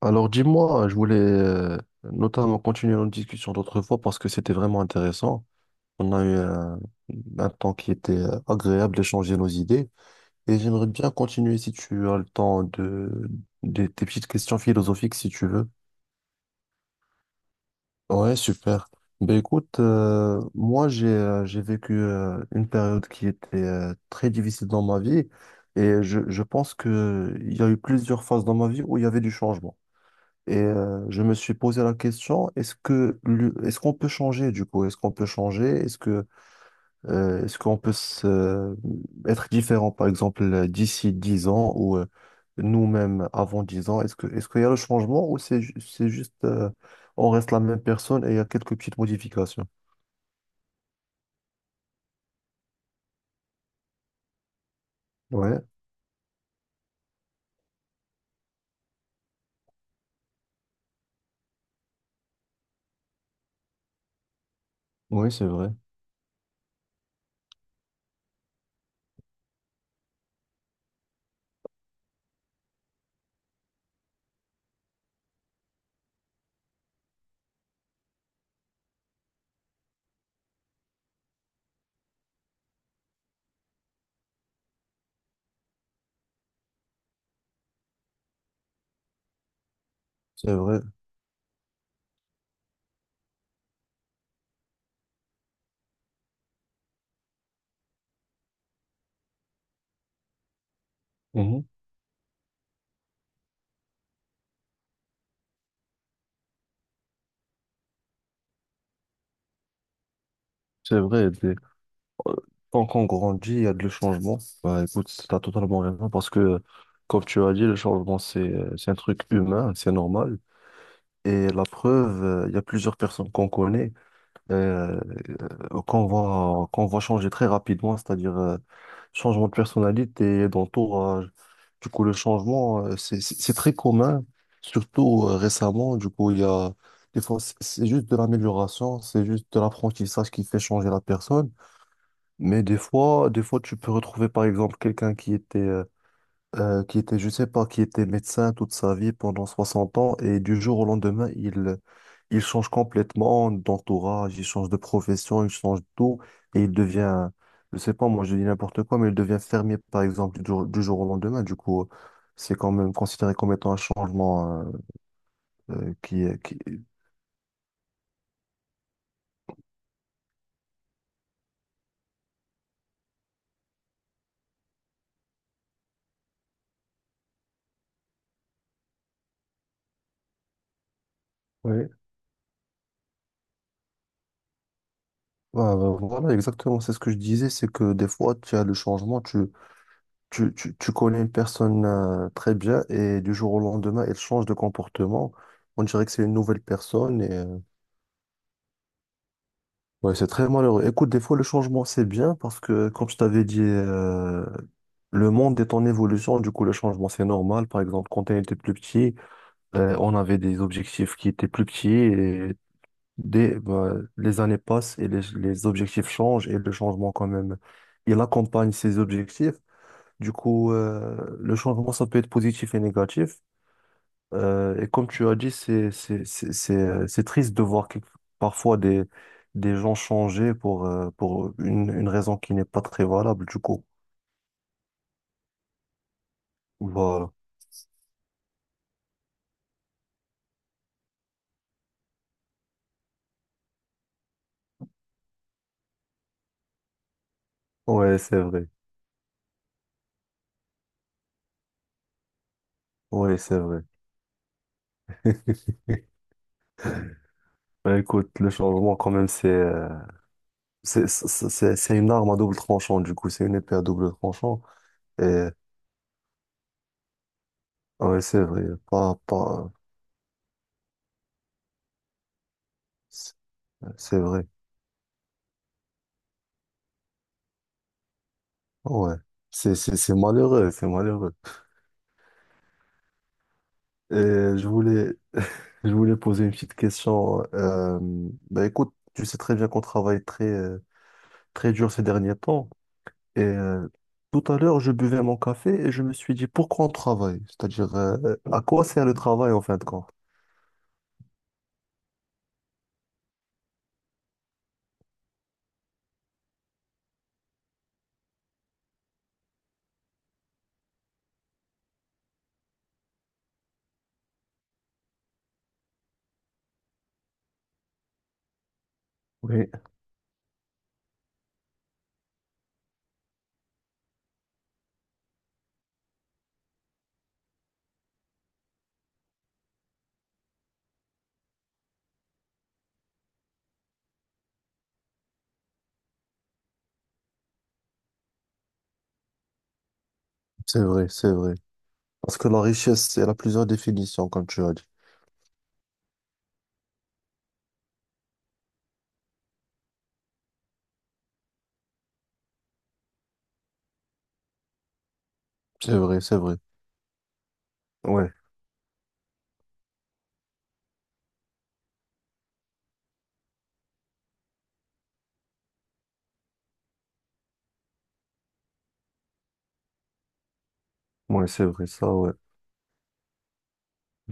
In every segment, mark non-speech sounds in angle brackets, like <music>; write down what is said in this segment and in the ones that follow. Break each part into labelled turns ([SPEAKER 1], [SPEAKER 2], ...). [SPEAKER 1] Alors dis-moi, je voulais notamment continuer notre discussion d'autrefois parce que c'était vraiment intéressant. On a eu un temps qui était agréable d'échanger nos idées et j'aimerais bien continuer si tu as le temps de, des tes petites questions philosophiques si tu veux. Ouais, super. Ben écoute, moi j'ai vécu une période qui était très difficile dans ma vie et je pense que il y a eu plusieurs phases dans ma vie où il y avait du changement. Je me suis posé la question, est-ce que est-ce qu'on peut changer du coup? Est-ce qu'on peut changer? Est-ce qu'on peut être différent, par exemple, d'ici 10 ans ou nous-mêmes avant 10 ans? Est-ce qu'il y a le changement ou c'est c'est juste on reste la même personne et il y a quelques petites modifications? Ouais, oui, c'est vrai. C'est vrai. Mhm. C'est vrai. euh, Tant qu'on grandit, il y a de le changement. Bah, écoute, tu as totalement raison parce que, comme tu as dit, le changement, c'est un truc humain, c'est normal. Et la preuve, il y a plusieurs personnes qu'on connaît, euh, qu'on va changer très rapidement, c'est-à-dire changement de personnalité, d'entourage. Du coup, le changement, c'est très commun, surtout récemment. Du coup, il y a des fois, c'est juste de l'amélioration, c'est juste de l'apprentissage qui fait changer la personne. Mais des fois, tu peux retrouver par exemple quelqu'un qui était, je sais pas, qui était médecin toute sa vie pendant 60 ans et du jour au lendemain, il change complètement d'entourage, il change de profession, il change de tout et il devient, je sais pas, moi je dis n'importe quoi, mais il devient fermier par exemple du jour au lendemain. Du coup, c'est quand même considéré comme étant un changement qui, qui... Ouais. Ouais, ouais, voilà, exactement, c'est ce que je disais, c'est que des fois, tu as le changement. Tu connais une personne très bien et du jour au lendemain, elle change de comportement. On dirait que c'est une nouvelle personne et ouais, c'est très malheureux. Écoute, des fois, le changement, c'est bien parce que, comme je t'avais dit, le monde est en évolution. Du coup, le changement, c'est normal. Par exemple, quand on était plus petit, on avait des objectifs qui étaient plus petits et des, bah, les années passent et les objectifs changent et le changement, quand même, il accompagne ces objectifs. Du coup, le changement, ça peut être positif et négatif. Et comme tu as dit, c'est triste de voir parfois des gens changer pour une raison qui n'est pas très valable, du coup. Voilà. Ouais, c'est vrai. Ouais, c'est vrai. <laughs> Bah, écoute, le changement, quand même, c'est une arme à double tranchant, du coup. C'est une épée à double tranchant. Et, ouais, c'est vrai. Pas, pas, c'est c'est vrai. Ouais. C'est malheureux, c'est malheureux. Et je voulais, <laughs> je voulais poser une petite question. Bah écoute, tu sais très bien qu'on travaille très, très dur ces derniers temps. Et tout à l'heure, je buvais mon café et je me suis dit, pourquoi on travaille? C'est-à-dire, à quoi sert le travail en fin de compte? Oui. C'est vrai, c'est vrai. Parce que la richesse, elle a plusieurs définitions, comme tu as dit. C'est vrai, c'est vrai. Ouais, ouais, c'est vrai, ça, ouais.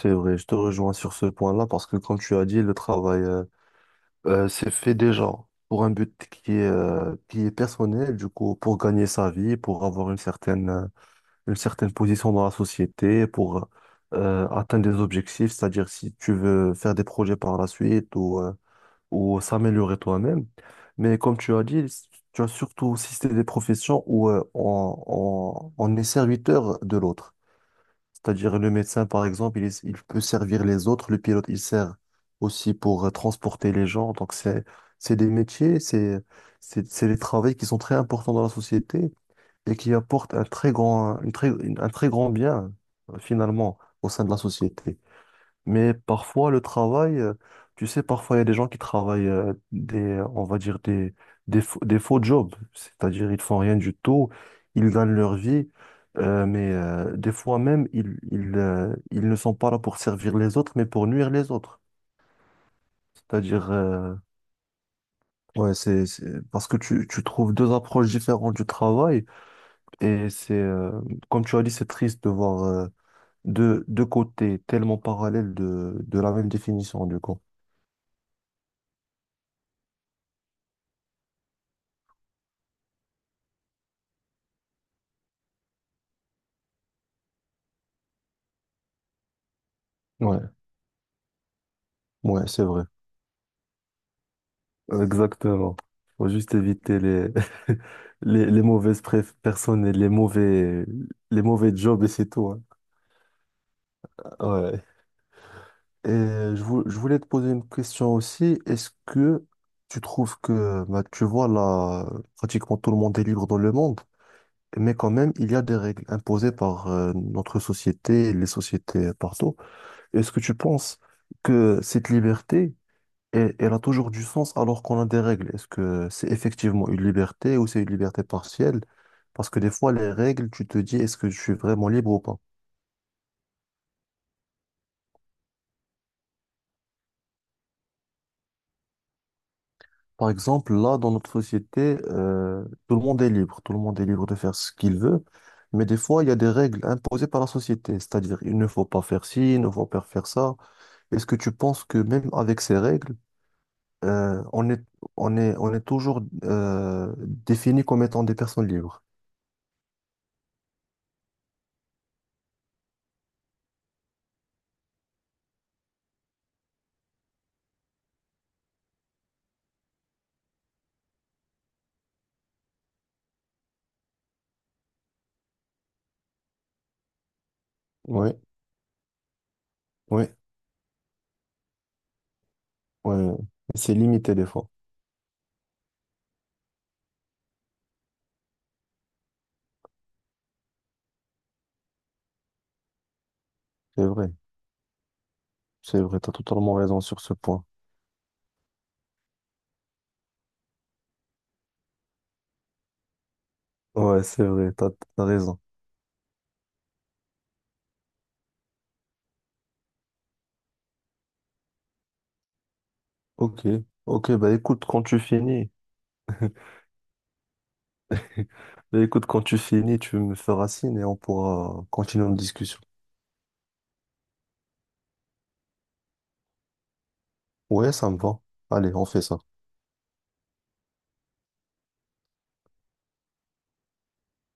[SPEAKER 1] C'est vrai, je te rejoins sur ce point-là parce que, comme tu as dit, le travail, c'est fait déjà pour un but qui est personnel, du coup, pour gagner sa vie, pour avoir une certaine position dans la société, pour atteindre des objectifs, c'est-à-dire si tu veux faire des projets par la suite ou s'améliorer toi-même. Mais comme tu as dit, tu as surtout si c'est des professions où on est serviteur de l'autre. C'est-à-dire le médecin, par exemple, il, il peut servir les autres, le pilote, il sert aussi pour transporter les gens. Donc c'est des métiers, c'est, c'est des travails qui sont très importants dans la société et qui apportent un très grand, un très grand bien, finalement, au sein de la société. Mais parfois, le travail, tu sais, parfois, il y a des gens qui travaillent des, on va dire, des faux jobs. C'est-à-dire, ils font rien du tout, ils gagnent leur vie, mais des fois même, ils ne sont pas là pour servir les autres, mais pour nuire les autres. C'est-à-dire, ouais, parce que tu trouves deux approches différentes du travail, et c'est, comme tu as dit, c'est triste de voir deux côtés tellement parallèles de la même définition, du coup. Ouais. Ouais, c'est vrai. Exactement. Faut juste éviter les, <laughs> les personnes et les mauvais jobs et c'est tout. Hein. Ouais. Et je, je voulais te poser une question aussi. Est-ce que tu trouves que, bah, tu vois, là, pratiquement tout le monde est libre dans le monde, mais quand même, il y a des règles imposées par notre société, les sociétés partout. Est-ce que tu penses que cette liberté, et elle a toujours du sens alors qu'on a des règles. Est-ce que c'est effectivement une liberté ou c'est une liberté partielle? Parce que des fois, les règles, tu te dis, est-ce que je suis vraiment libre ou pas? Par exemple, là, dans notre société, tout le monde est libre. Tout le monde est libre de faire ce qu'il veut. Mais des fois, il y a des règles imposées par la société. C'est-à-dire, il ne faut pas faire ci, il ne faut pas faire ça. Est-ce que tu penses que même avec ces règles, euh, on est, on est toujours défini comme étant des personnes libres? Oui, oui. Ouais, c'est limité des fois. C'est vrai. C'est vrai, t'as totalement raison sur ce point. Ouais, c'est vrai, t'as raison. Ok. Ok, bah écoute, quand tu finis, <laughs> bah écoute, quand tu finis, tu me feras signe et on pourra continuer notre discussion. Ouais, ça me va. Allez, on fait ça.